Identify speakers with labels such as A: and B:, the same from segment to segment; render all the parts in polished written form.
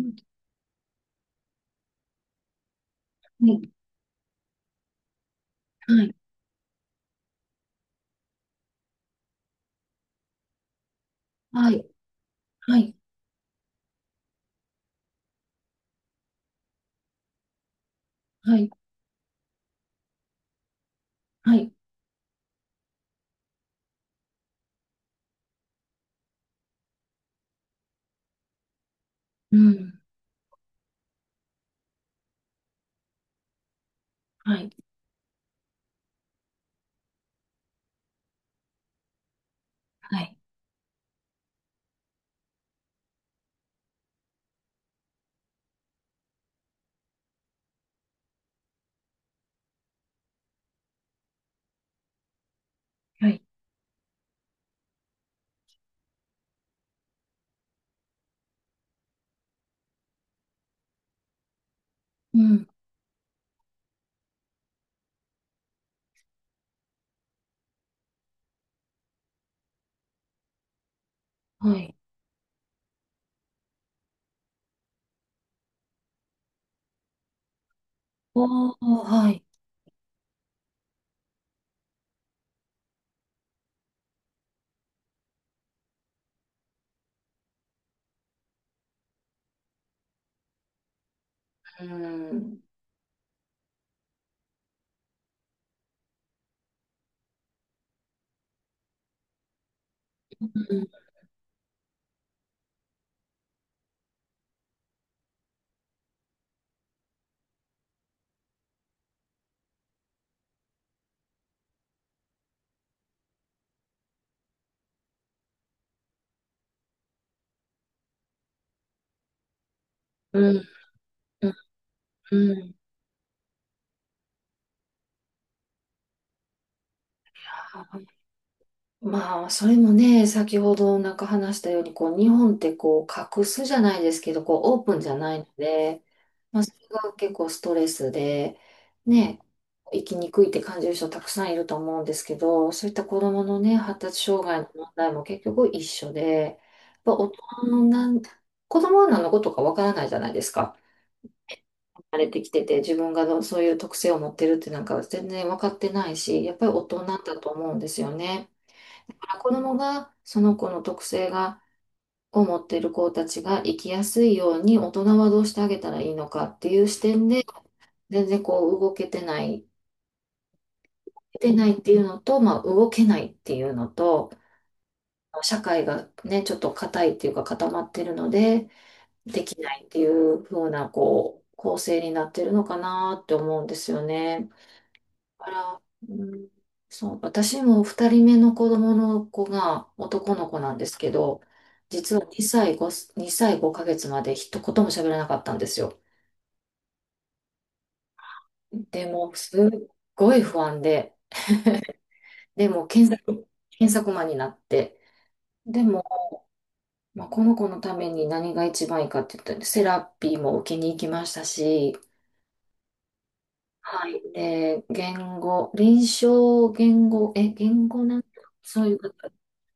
A: うん、はい、はい、はい、はい、はい、はい、うん、はい、はい、はい、うん、はい。おー、はい。うん、うん、うん、うん、うん。まあ、それもね、先ほどなんか話したように、こう、日本ってこう、隠すじゃないですけど、こう、オープンじゃないので、まあ、それが結構ストレスで、ね、生きにくいって感じる人たくさんいると思うんですけど、そういった子供のね、発達障害の問題も結局一緒で、やっぱ大人のなん、子供は何のことかわからないじゃないですか。慣れてきてて、自分がどうそういう特性を持ってるってなんか全然わかってないし、やっぱり大人だと思うんですよね。子供がその子の特性が、を持っている子たちが生きやすいように大人はどうしてあげたらいいのかっていう視点で、全然こう動けてない、出てないっていうのと、まあ動けないっていうのと、社会がね、ちょっと硬いっていうか固まってるので、できないっていう風なこう構成になってるのかなって思うんですよね。から、うん、そう、私も二人目の子供の子が男の子なんですけど、実は2歳5ヶ月まで一言も喋らなかったんですよ。でも、すっごい不安で、でも検索マンになって、でも、まあ、この子のために何が一番いいかって言ったら、セラピーも受けに行きましたし、はい。で、言語、臨床言語、言語なんだそういう方、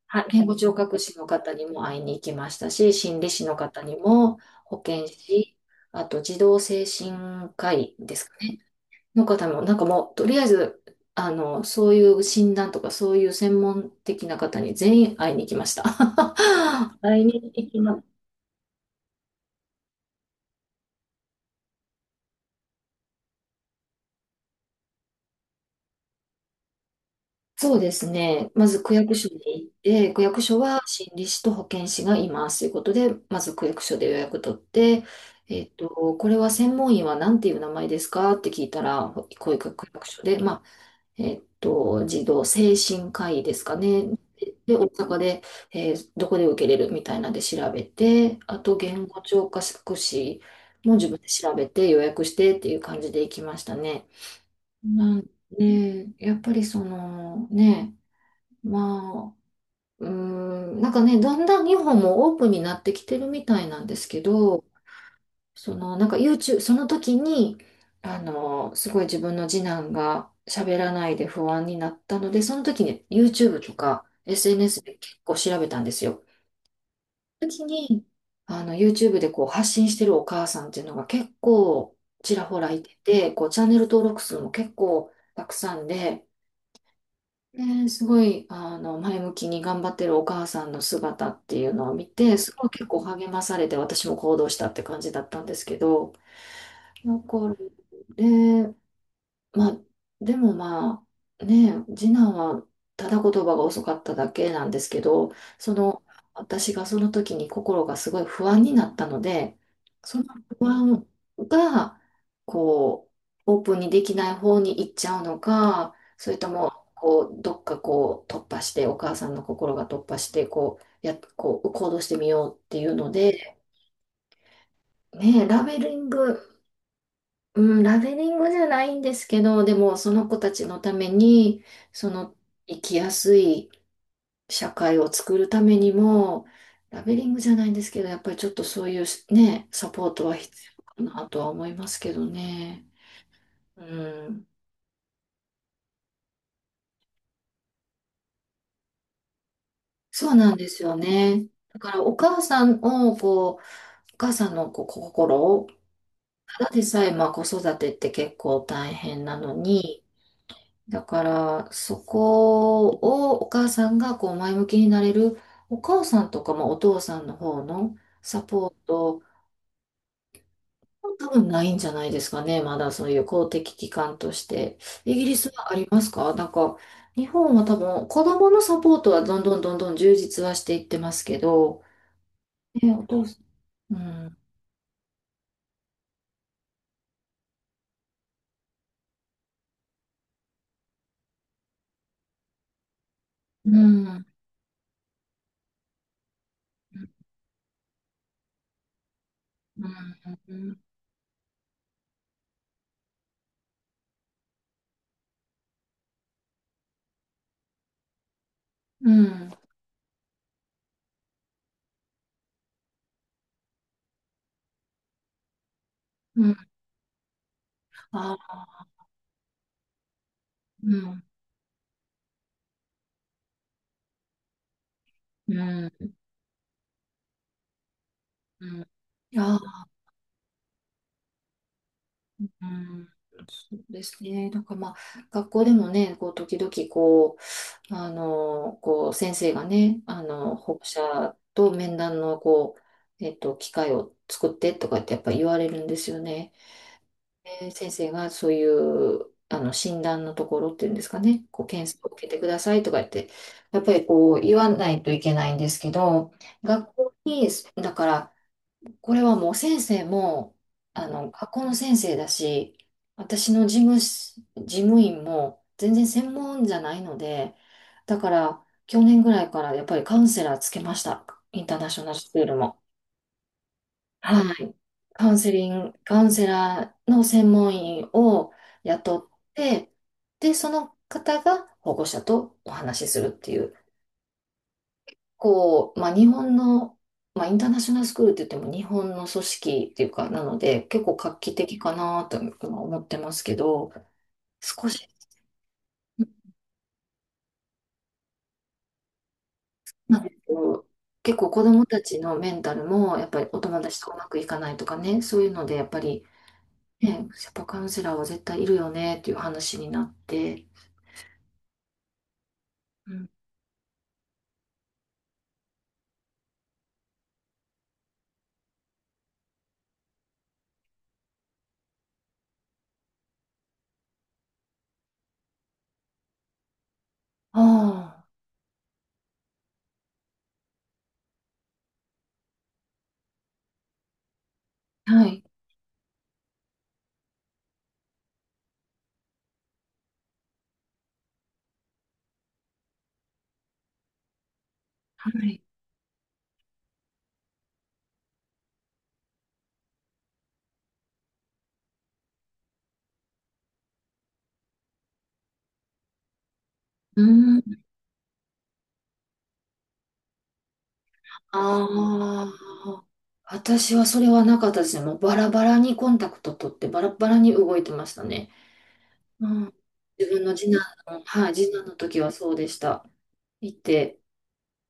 A: はい、言語聴覚士の方にも会いに行きましたし、心理士の方にも、保健師、あと児童精神科医ですかね、の方も、なんかもう、とりあえず、そういう診断とか、そういう専門的な方に全員会いに行きました。会いに行きまそうですね。まず区役所に行って、区役所は心理士と保健師がいますということで、まず区役所で予約取って、えっと、これは専門医は何ていう名前ですかって聞いたら、こういう区役所で、まあ、児童精神科医ですかね。で、大阪で、どこで受けれるみたいなんで調べて、あと言語聴覚士も自分で調べて予約してっていう感じで行きましたね。なんで、やっぱりそのね、まあ、うーなんかね、だんだん日本もオープンになってきてるみたいなんですけど、その、なんか YouTube、その時に、すごい自分の次男が喋らないで不安になったので、その時に YouTube とか SNS で結構調べたんですよ。その時に、YouTube でこう発信してるお母さんっていうのが結構ちらほらいてて、こうチャンネル登録数も結構たくさんで、ね、すごい、前向きに頑張ってるお母さんの姿っていうのを見て、すごい結構励まされて、私も行動したって感じだったんですけど、残る。でまあ、でもまあ、ねえ、次男はただ言葉が遅かっただけなんですけど、その、私がその時に心がすごい不安になったので、その不安が、こう、オープンにできない方に行っちゃうのか、それとも、こう、どっかこう、突破して、お母さんの心が突破して、こう、こう、行動してみようっていうので、ねえ、ラベリングじゃないんですけど、でもその子たちのために、その生きやすい社会を作るためにも、ラベリングじゃないんですけど、やっぱりちょっとそういうね、サポートは必要かなとは思いますけどね。うん、そうなんですよね。だからお母さんをこう、お母さんのこう心を、ただでさえまあ子育てって結構大変なのに、だから、そこをお母さんがこう前向きになれる、お母さんとかまあお父さんの方のサポート、多分ないんじゃないですかね。まだそういう公的機関として。イギリスはありますかなんか、日本は多分子供のサポートはどんどんどんどん充実はしていってますけど、ね、お父さん、うん、うん、うん、うん、うん、うん、あ、うん、うん、うん。あうん、そうですね。なんかまあ、学校でもね、こう、時々こう、こう、先生がね、保護者と面談の、こう、機会を作ってとかってやっぱ言われるんですよね。で先生がそういう、診断のところっていうんですかね、こう、検査を受けてくださいとか言って、やっぱりこう、言わないといけないんですけど、学校に、だから、これはもう先生も、学校の先生だし、私の事務員も全然専門じゃないので、だから、去年ぐらいからやっぱりカウンセラーつけました。インターナショナルスクールも。はい。カウンセラーの専門員を雇って、で、その方が保護者とお話しするっていう。まあ、日本の、まあ、インターナショナルスクールって言っても日本の組織っていうか、なので、結構画期的かなと今思ってますけど、少し、なんかこう結構子供たちのメンタルも、やっぱりお友達とうまくいかないとかね、そういうので、やっぱり、ね、やっぱカウンセラーは絶対いるよねっていう話になって、うん、ああ、はい、はい、うん。ああ、私はそれはなかったですね。もうバラバラにコンタクト取ってバラバラに動いてましたね。うん。自分の次男の、はい、次男の時はそうでした。行って、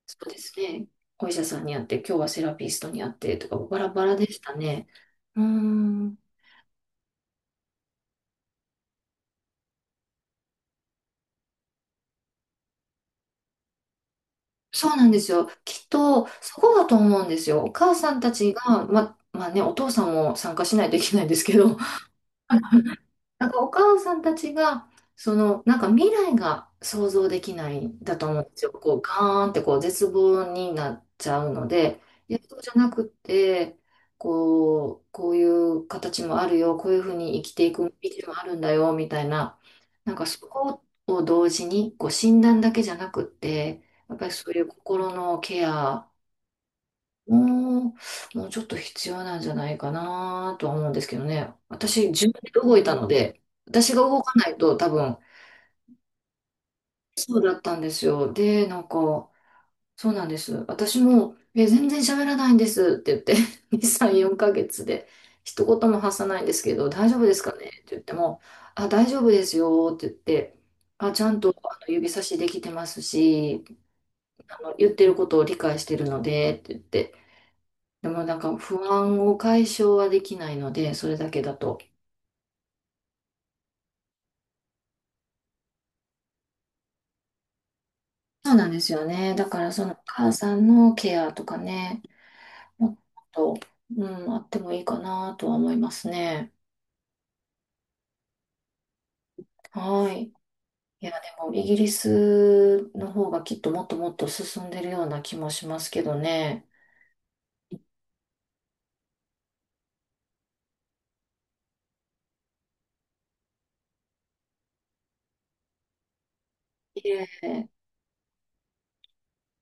A: そうですね。お医者さんに会って、今日はセラピストに会ってとか、バラバラでしたね。うん。そうなんですよ。きっと、そこだと思うんですよ。お母さんたちが、まあね、お父さんも参加しないといけないんですけど、なんかお母さんたちが、その、なんか未来が想像できないんだと思うんですよ。こう、ガーンってこう、絶望になっちゃうので、いや、そうじゃなくて、こう、こういう形もあるよ、こういうふうに生きていく道もあるんだよ、みたいな、なんかそこを同時に、こう、診断だけじゃなくって、やっぱりそういう心のケアもう、もうちょっと必要なんじゃないかなとは思うんですけどね。私、自分で動いたので、私が動かないと多分、そうだったんですよ。で、なんか、そうなんです。私も、全然喋らないんですって言って、2、3、4ヶ月で、一言も発さないんですけど、大丈夫ですかねって言っても、あ、大丈夫ですよって言って、あ、ちゃんと指差しできてますし、言ってることを理解してるのでって言って、でもなんか不安を解消はできないので、それだけだと。そうなんですよね。だからそのお母さんのケアとかね、もっと、うん、あってもいいかなとは思いますね。はい。いや、でもイギリスの方がきっともっともっと進んでるような気もしますけどね。いえ